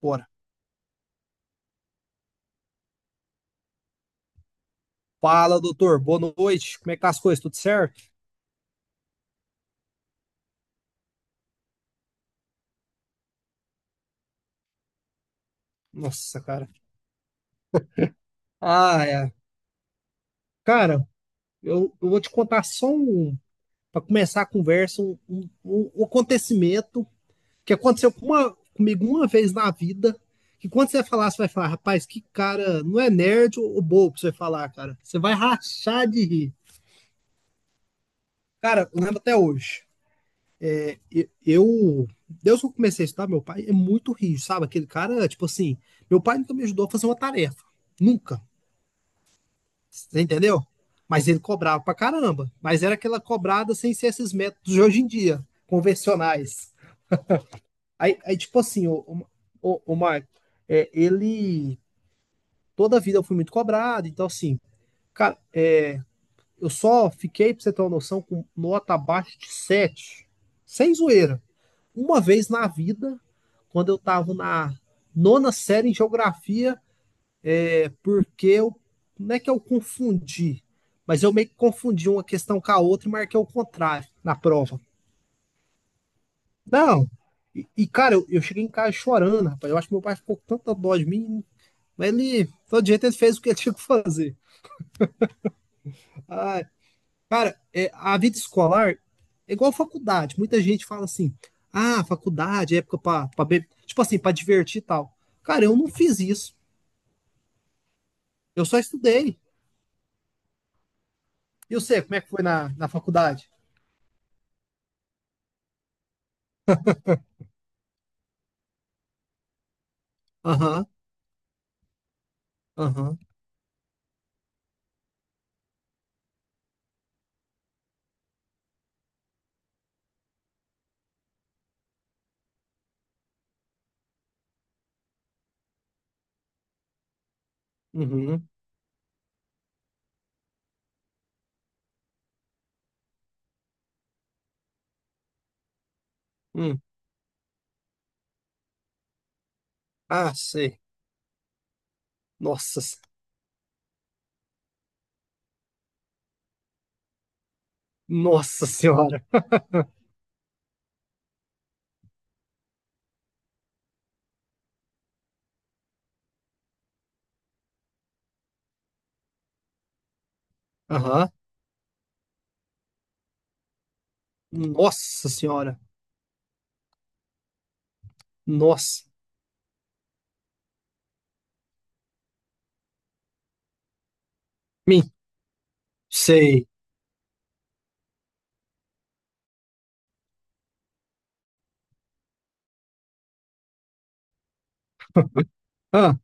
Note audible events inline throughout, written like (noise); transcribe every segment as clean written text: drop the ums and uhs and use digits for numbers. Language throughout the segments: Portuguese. Bora. Fala, doutor. Boa noite. Como é que tá as coisas? Tudo certo? Nossa, cara. Ah, é. Cara, eu vou te contar para começar a conversa, um acontecimento que aconteceu comigo uma vez na vida. Que quando você falar, você vai falar, rapaz, que cara, não é nerd ou bobo pra você falar, cara. Você vai rachar de rir. Cara, eu lembro até hoje. E- Eu, Deus que eu comecei a estudar, meu pai é muito rígido, sabe? Aquele cara, tipo assim, meu pai nunca me ajudou a fazer uma tarefa. Nunca. Você entendeu? Mas ele cobrava pra caramba. Mas era aquela cobrada sem ser esses métodos de hoje em dia, convencionais. Aí tipo assim, o Marco, ele. Toda a vida eu fui muito cobrado, então assim, cara, eu só fiquei, pra você ter uma noção, com nota abaixo de sete. Sem zoeira. Uma vez na vida, quando eu tava na nona série em geografia, é porque eu. Não é que eu confundi, mas eu meio que confundi uma questão com a outra e marquei o contrário na prova. Não. E cara, eu cheguei em casa chorando, rapaz. Eu acho que meu pai ficou com tanta dó de mim. Mas ele, todo jeito, ele fez o que ele (laughs) tinha que fazer. Ah, cara, a vida escolar é igual a faculdade. Muita gente fala assim: ah, faculdade é época pra, beber. Tipo assim, pra divertir e tal. Cara, eu não fiz isso. Eu só estudei. E eu sei como é que foi na faculdade? Aham, aham, uhum. Hum. Ah, sei. Nossa, nossa senhora. Aham. Nossa senhora. Nossa. Mim. Sei. Ah,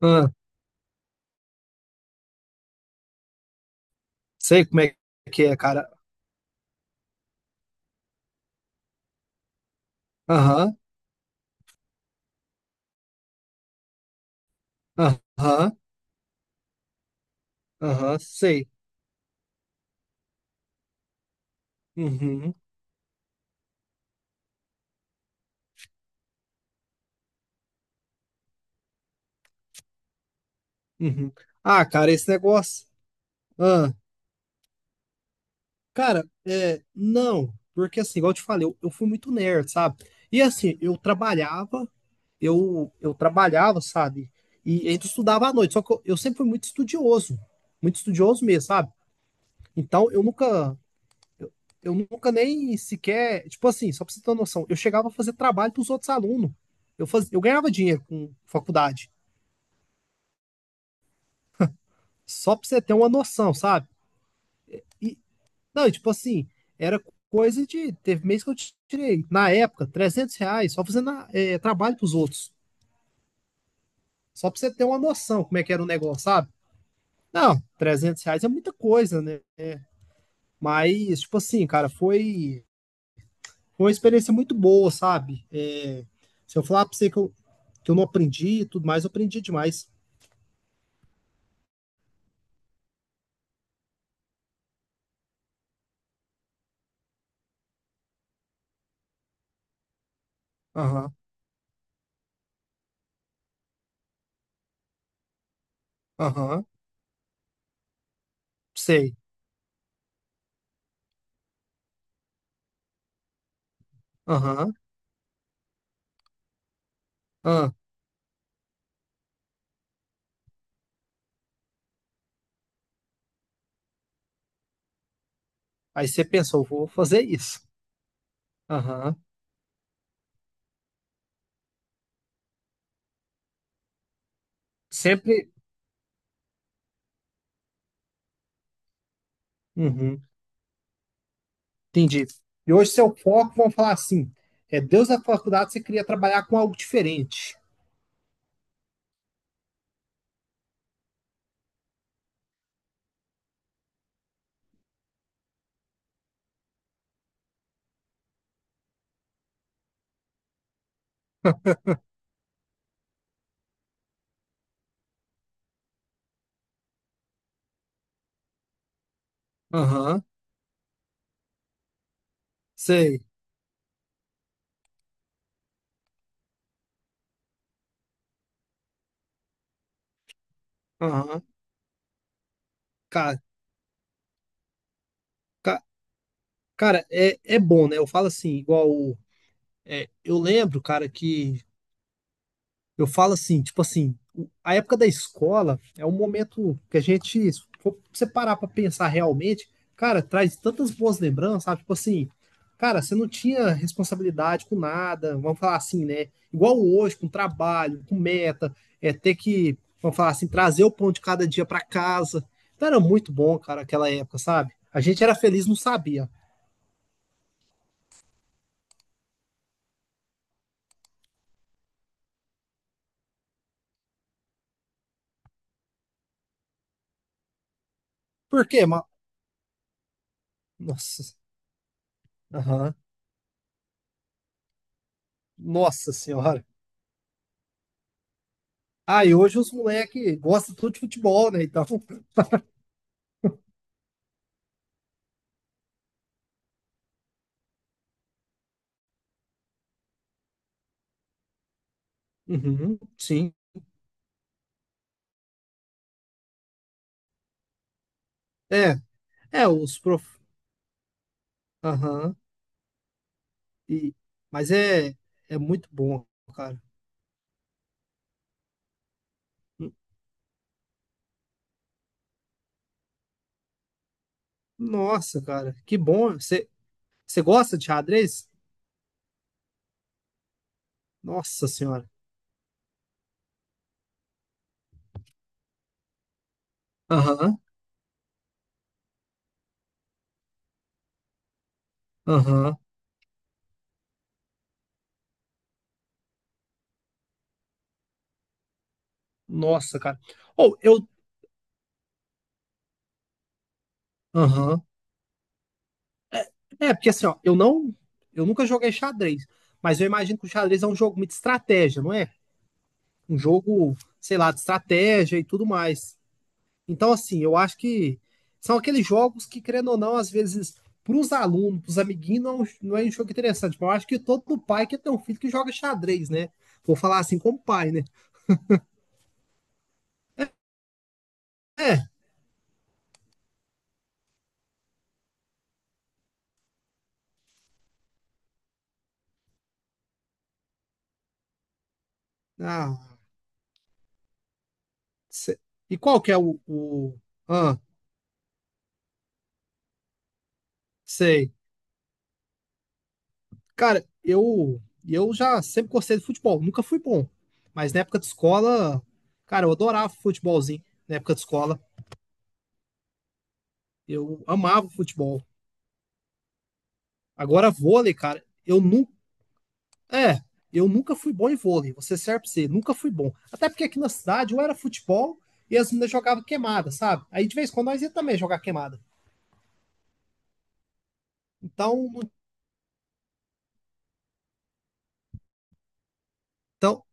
ah. Sei como é que é, cara. Aham. Aham. Aham. Sei. Uhum. Uhum. Ah, cara, esse negócio. Ah. Cara, não. Porque assim, igual eu te falei, eu fui muito nerd, sabe? E assim, eu trabalhava, eu trabalhava, sabe? E ainda estudava à noite. Só que eu sempre fui muito estudioso. Muito estudioso mesmo, sabe? Então, eu, eu nunca nem sequer, tipo assim, só pra você ter uma noção, eu chegava a fazer trabalho pros outros alunos. Eu ganhava dinheiro com faculdade, só pra você ter uma noção, sabe? E, não, e tipo assim, era coisa de, teve mês que eu tirei, na época, R$ 300, só fazendo trabalho pros outros. Só pra você ter uma noção como é que era o negócio, sabe? Não, R$ 300 é muita coisa, né? Mas, tipo assim, cara, foi. Foi uma experiência muito boa, sabe? É, se eu falar pra você que eu não aprendi e tudo mais, eu aprendi demais. Aham, aham, sei. Aham, aham. Aí você pensou: vou fazer isso. Aham, sempre. Uhum, entendi. E hoje seu foco, vamos falar assim, é Deus da faculdade, você queria trabalhar com algo diferente. Aham, sei. Aham. Cara, ca- cara, é bom, né? Eu falo assim, igual. Eu lembro, cara, que eu falo assim, tipo assim, a época da escola é um momento que a gente, se for você parar pra pensar realmente, cara, traz tantas boas lembranças, sabe? Tipo assim, cara, você não tinha responsabilidade com nada, vamos falar assim, né? Igual hoje, com trabalho, com meta, é ter que, vamos falar assim, trazer o pão de cada dia pra casa. Então era muito bom, cara, aquela época, sabe? A gente era feliz, não sabia. Por quê? Mas, nossa, aham. Nossa senhora. Ah, e hoje os moleques gostam tudo de futebol, né? Então, uhum, sim. é, os prof... Aham, e... Mas é muito bom, cara. N- Nossa, cara, que bom. Você gosta de xadrez? Nossa senhora. Aham, aham. Nossa, cara. Ou eu. Aham. É, porque assim, ó, eu nunca joguei xadrez, mas eu imagino que o xadrez é um jogo muito de estratégia, não é? Um jogo, sei lá, de estratégia e tudo mais. Então, assim, eu acho que são aqueles jogos que, querendo ou não, às vezes, para os alunos, para os amiguinhos, não, não é um jogo interessante. Mas eu acho que todo pai quer ter um filho que joga xadrez, né? Vou falar assim como pai, né? É. Ah, cê- e qual que é o... Ah, sei. Cara, eu já sempre gostei de futebol. Nunca fui bom. Mas na época de escola, cara, eu adorava futebolzinho. Na época de escola, eu amava futebol. Agora, vôlei, cara, É, eu nunca fui bom em vôlei, você serve pra você, nunca fui bom. Até porque aqui na cidade ou era futebol e as meninas jogavam queimada, sabe? Aí de vez em quando nós ia também jogar queimada. Então, não- então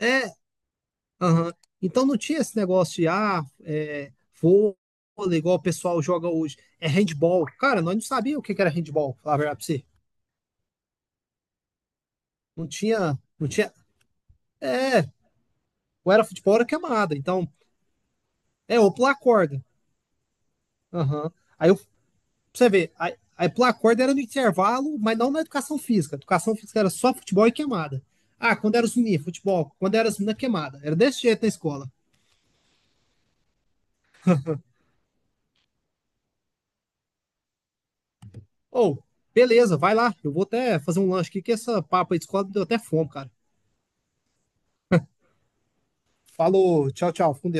é, aham. Então não tinha esse negócio de, ah, vôlei, igual o pessoal joga hoje, é handball. Cara, nós não sabíamos o que que era handball, falar a verdade pra você. Não tinha, é, ou era futebol ou era queimada. Então, ou pular corda. Aham. Aí eu, você ver, a aí pular corda era no intervalo, mas não na educação física. A educação física era só futebol e queimada. Ah, quando era os meninos, futebol. Quando era as meninas, queimada. Era desse jeito na escola. Ou, oh, beleza, vai lá. Eu vou até fazer um lanche aqui, que essa papa aí de escola me deu até fome, cara. Falou, tchau, tchau. Fico com Deus.